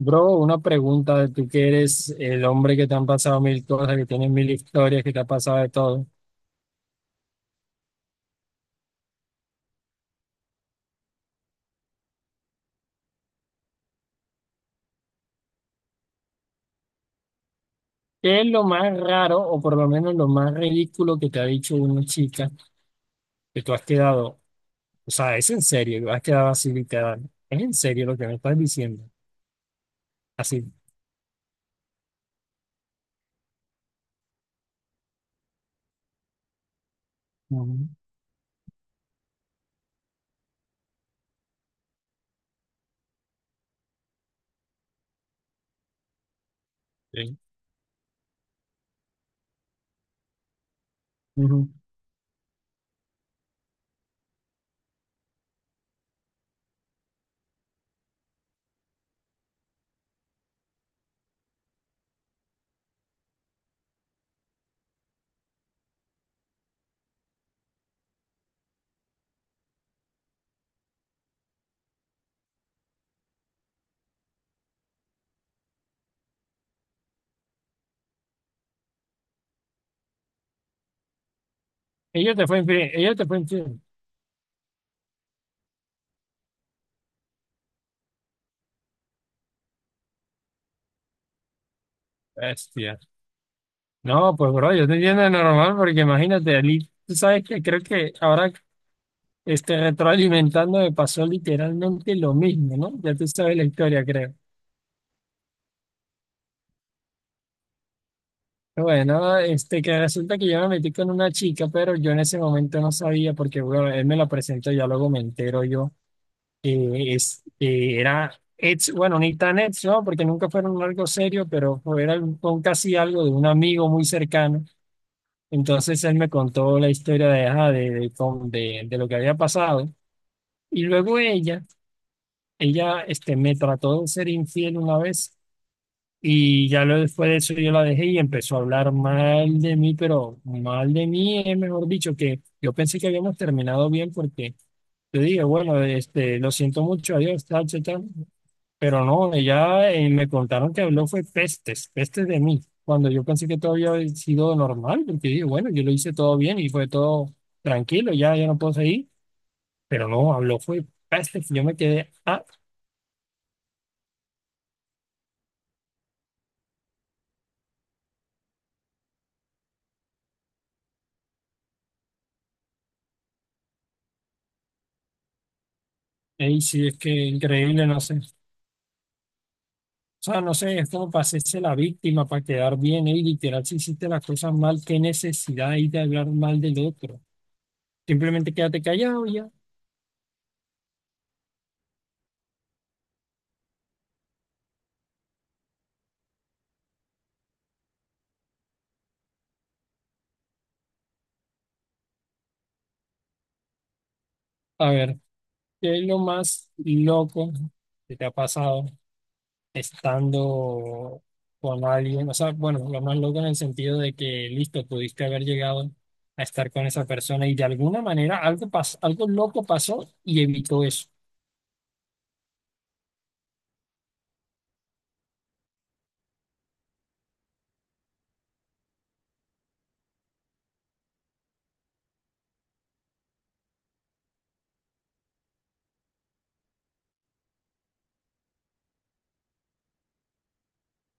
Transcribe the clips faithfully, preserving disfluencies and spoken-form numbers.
Bro, una pregunta de tú que eres el hombre que te han pasado mil cosas, que tienes mil historias, que te ha pasado de todo. ¿Qué es lo más raro o por lo menos lo más ridículo que te ha dicho una chica que tú has quedado? O sea, es en serio, has quedado así literal. Es en serio lo que me estás diciendo. Así. Ujú, sí, ujú. Ella te fue infiel, ella te fue infiel. Bestia. No, pues bro, yo te entiendo normal porque imagínate, Ali, tú sabes que creo que ahora Este, retroalimentando me pasó literalmente lo mismo, ¿no? Ya tú sabes la historia, creo. Bueno, este, que resulta que yo me metí con una chica, pero yo en ese momento no sabía porque, bueno, él me la presentó y ya luego me entero yo. Eh, es, eh, era ex, bueno, ni tan ex, ¿no? Porque nunca fueron algo serio, pero fue- era un, un casi algo de un amigo muy cercano. Entonces él me contó la historia de, ajá, de, de, con- de de lo que había pasado. Y luego ella, ella, este, me trató de ser infiel una vez. Y ya lo- después de eso yo la dejé y empezó a hablar mal de mí, pero mal de mí es mejor dicho que yo pensé que habíamos terminado bien porque yo dije, bueno, este, lo siento mucho, adiós, tal, tal, tal. Pero no, ella eh, me contaron que habló fue pestes, pestes de mí, cuando yo pensé que todo había sido normal, porque dije, bueno, yo lo hice todo bien y fue todo tranquilo, ya, ya no puedo seguir. Pero no, habló fue pestes, yo me quedé, ah, ey, sí, es que increíble, no sé. O sea, no sé, es como para hacerse la víctima, para quedar bien. ¿Eh? Y literal, si hiciste las cosas mal, qué necesidad hay de hablar mal del otro. Simplemente quédate callado y ya. A ver, ¿qué es lo más loco que te ha pasado estando con alguien? O sea, bueno, lo más loco en el sentido de que, listo, pudiste haber llegado a estar con esa persona y de alguna manera algo pas- algo loco pasó y evitó eso.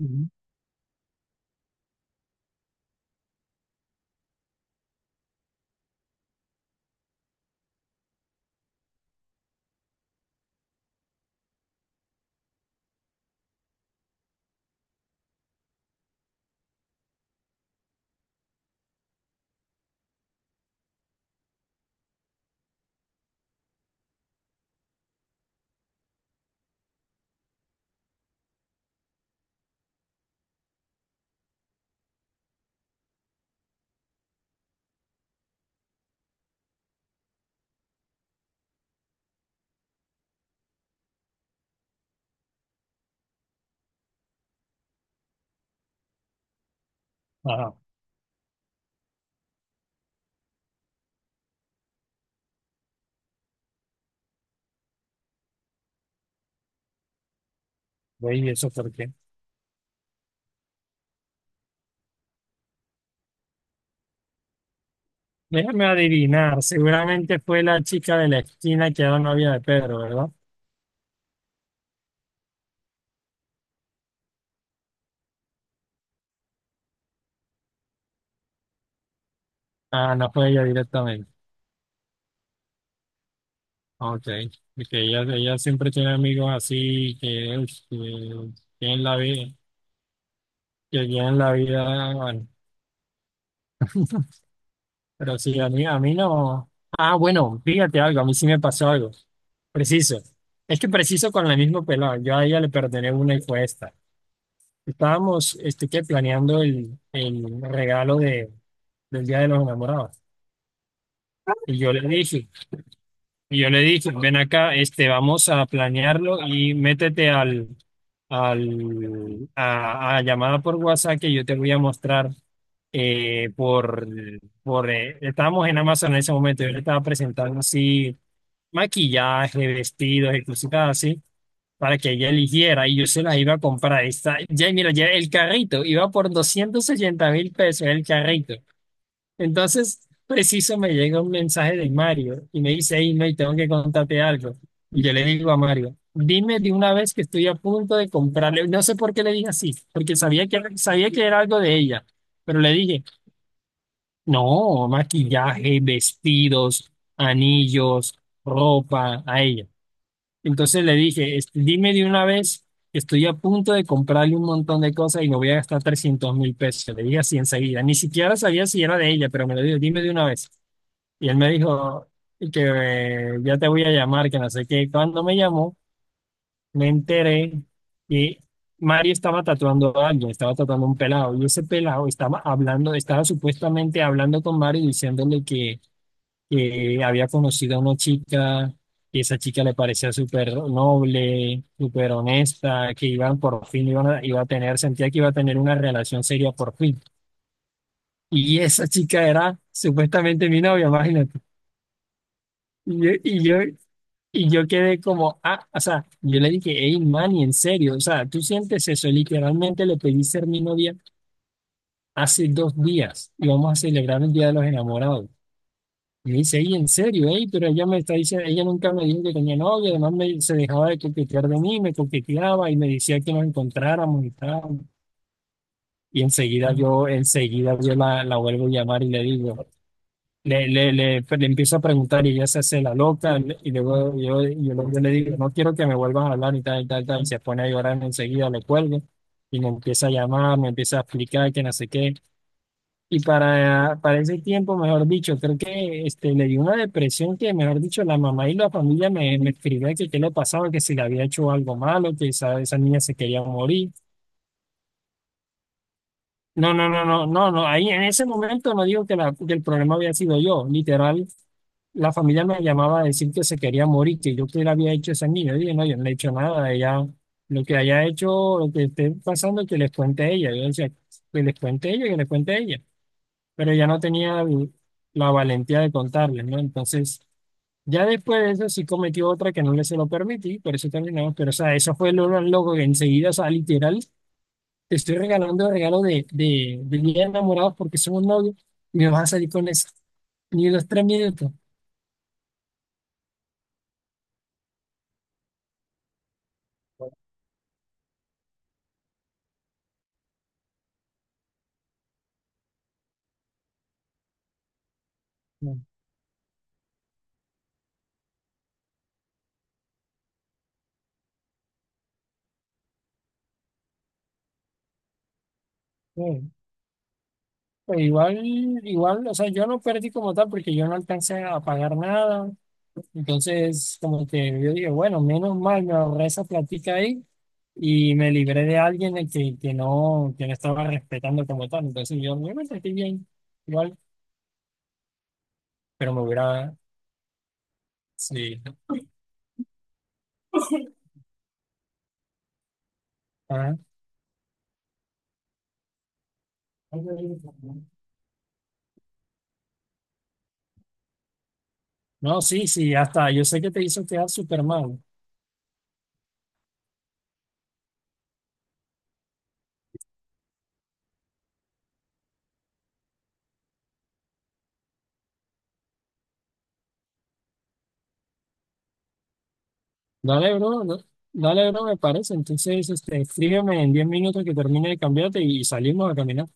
Ujú. Ajá, voy, ¿y eso por qué? Déjame adivinar, seguramente fue la chica de la esquina que era novia de Pedro, ¿verdad? Ah, no fue ella directamente. Ok, porque ella, ella siempre tiene amigos así que, uy, que tienen la vida, que tienen la vida, bueno, pero sí, a mí, a mí no. Ah, bueno, fíjate algo, a mí sí me pasó algo, preciso. Es que preciso con la misma pelada, yo a ella le perdoné una y fue esta. Estábamos, este, que planeando el, el regalo de, del Día de los Enamorados. Y yo le dije, Y yo le dije, ven acá, este, vamos a planearlo y métete al, al, a, a llamada por WhatsApp que yo te voy a mostrar eh, por, por eh, estábamos en Amazon en ese momento, yo le estaba presentando así maquillaje, vestidos y cositas así, para que ella eligiera y yo se las iba a comprar. Está, ya, mira, ya el carrito iba por doscientos ochenta mil pesos el carrito. Entonces, preciso me llega un mensaje de Mario y me dice, hey, May, tengo que contarte algo. Y yo le digo a Mario, dime de una vez que estoy a punto de comprarle. No sé por qué le dije así, porque sabía que, sabía que era algo de ella. Pero le dije, no, maquillaje, vestidos, anillos, ropa, a ella. Entonces le dije, este, dime de una vez que estoy a punto de comprarle un montón de cosas y me voy a gastar trescientos mil pesos. Le dije así enseguida. Ni siquiera sabía si era de ella, pero me lo dijo, dime de una vez. Y él me dijo y que eh, ya te voy a llamar, que no sé qué. Cuando me llamó, me enteré que Mario estaba tatuando a alguien, estaba tatuando a un pelado. Y ese pelado estaba hablando, estaba supuestamente hablando con Mario y diciéndole que, que había conocido a una chica, que esa chica le parecía súper noble, súper honesta, que iban por fin, iban a- iba a tener, sentía que iba a tener una relación seria por fin. Y esa chica era supuestamente mi novia, imagínate. Y yo, y yo, Y yo quedé como, ah, o sea, yo le dije, hey, Manny, en serio, o sea, tú sientes eso, literalmente le pedí ser mi novia hace dos días y vamos a celebrar el Día de los Enamorados. Y me dice, hey, en serio, hey, pero ella me está diciendo, ella nunca me dijo que tenía novia, además me, se dejaba de coquetear de mí, me coqueteaba y me decía que nos encontráramos y tal. Y enseguida yo, enseguida yo la, la vuelvo a llamar y le digo, Le, le, le, pues, le empiezo a preguntar y ella se hace la loca le- y luego yo, yo, lo- yo le digo, no quiero que me vuelvan a hablar y tal y tal, tal, y se pone a llorar enseguida, le cuelgo y me empieza a llamar, me empieza a explicar que no sé qué. Y para, para ese tiempo, mejor dicho, creo que este, le dio una depresión que, mejor dicho, la mamá y la familia me, me escribían que qué le pasaba, que si le había hecho algo malo, que esa, esa niña se quería morir. No, no, no, no, no, no, ahí en ese momento no digo que, la, que el problema había sido yo, literal. La familia me llamaba a decir que se quería morir, que yo qué le había hecho a esa niña. Yo dije, no, yo no le he hecho nada. Ella, lo que haya hecho, lo que esté pasando, que les cuente a ella. Yo decía, que les cuente a ella, que les cuente a ella. Pero ella no tenía el- la valentía de contarles, ¿no? Entonces, ya después de eso sí cometió otra que no le se lo permití, por eso terminamos. Pero, o sea, eso fue lo más loco que enseguida, o sea, literal, te estoy regalando regalo de, de, de día de enamorados porque somos novios y me vas a salir con eso. Ni los tres minutos. No, no. Pues igual, igual, o sea, yo no perdí como tal porque yo no alcancé a pagar nada. Entonces, como que yo dije, bueno, menos mal me ahorré esa plática ahí y me libré de alguien de que, que no, que no estaba respetando como tal. Entonces yo, yo me sentí bien, igual, pero me hubiera, sí. Ajá. No, sí, sí, hasta yo sé que te hizo quedar súper mal. Dale, bro, no- Dale, bro, me parece. Entonces, este, escríbeme en diez minutos que termine de cambiarte y salimos a caminar.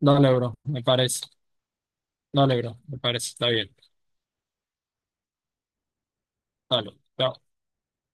Dale, bro, me parece. Dale, bro, me parece. Está bien. Dale. Chao.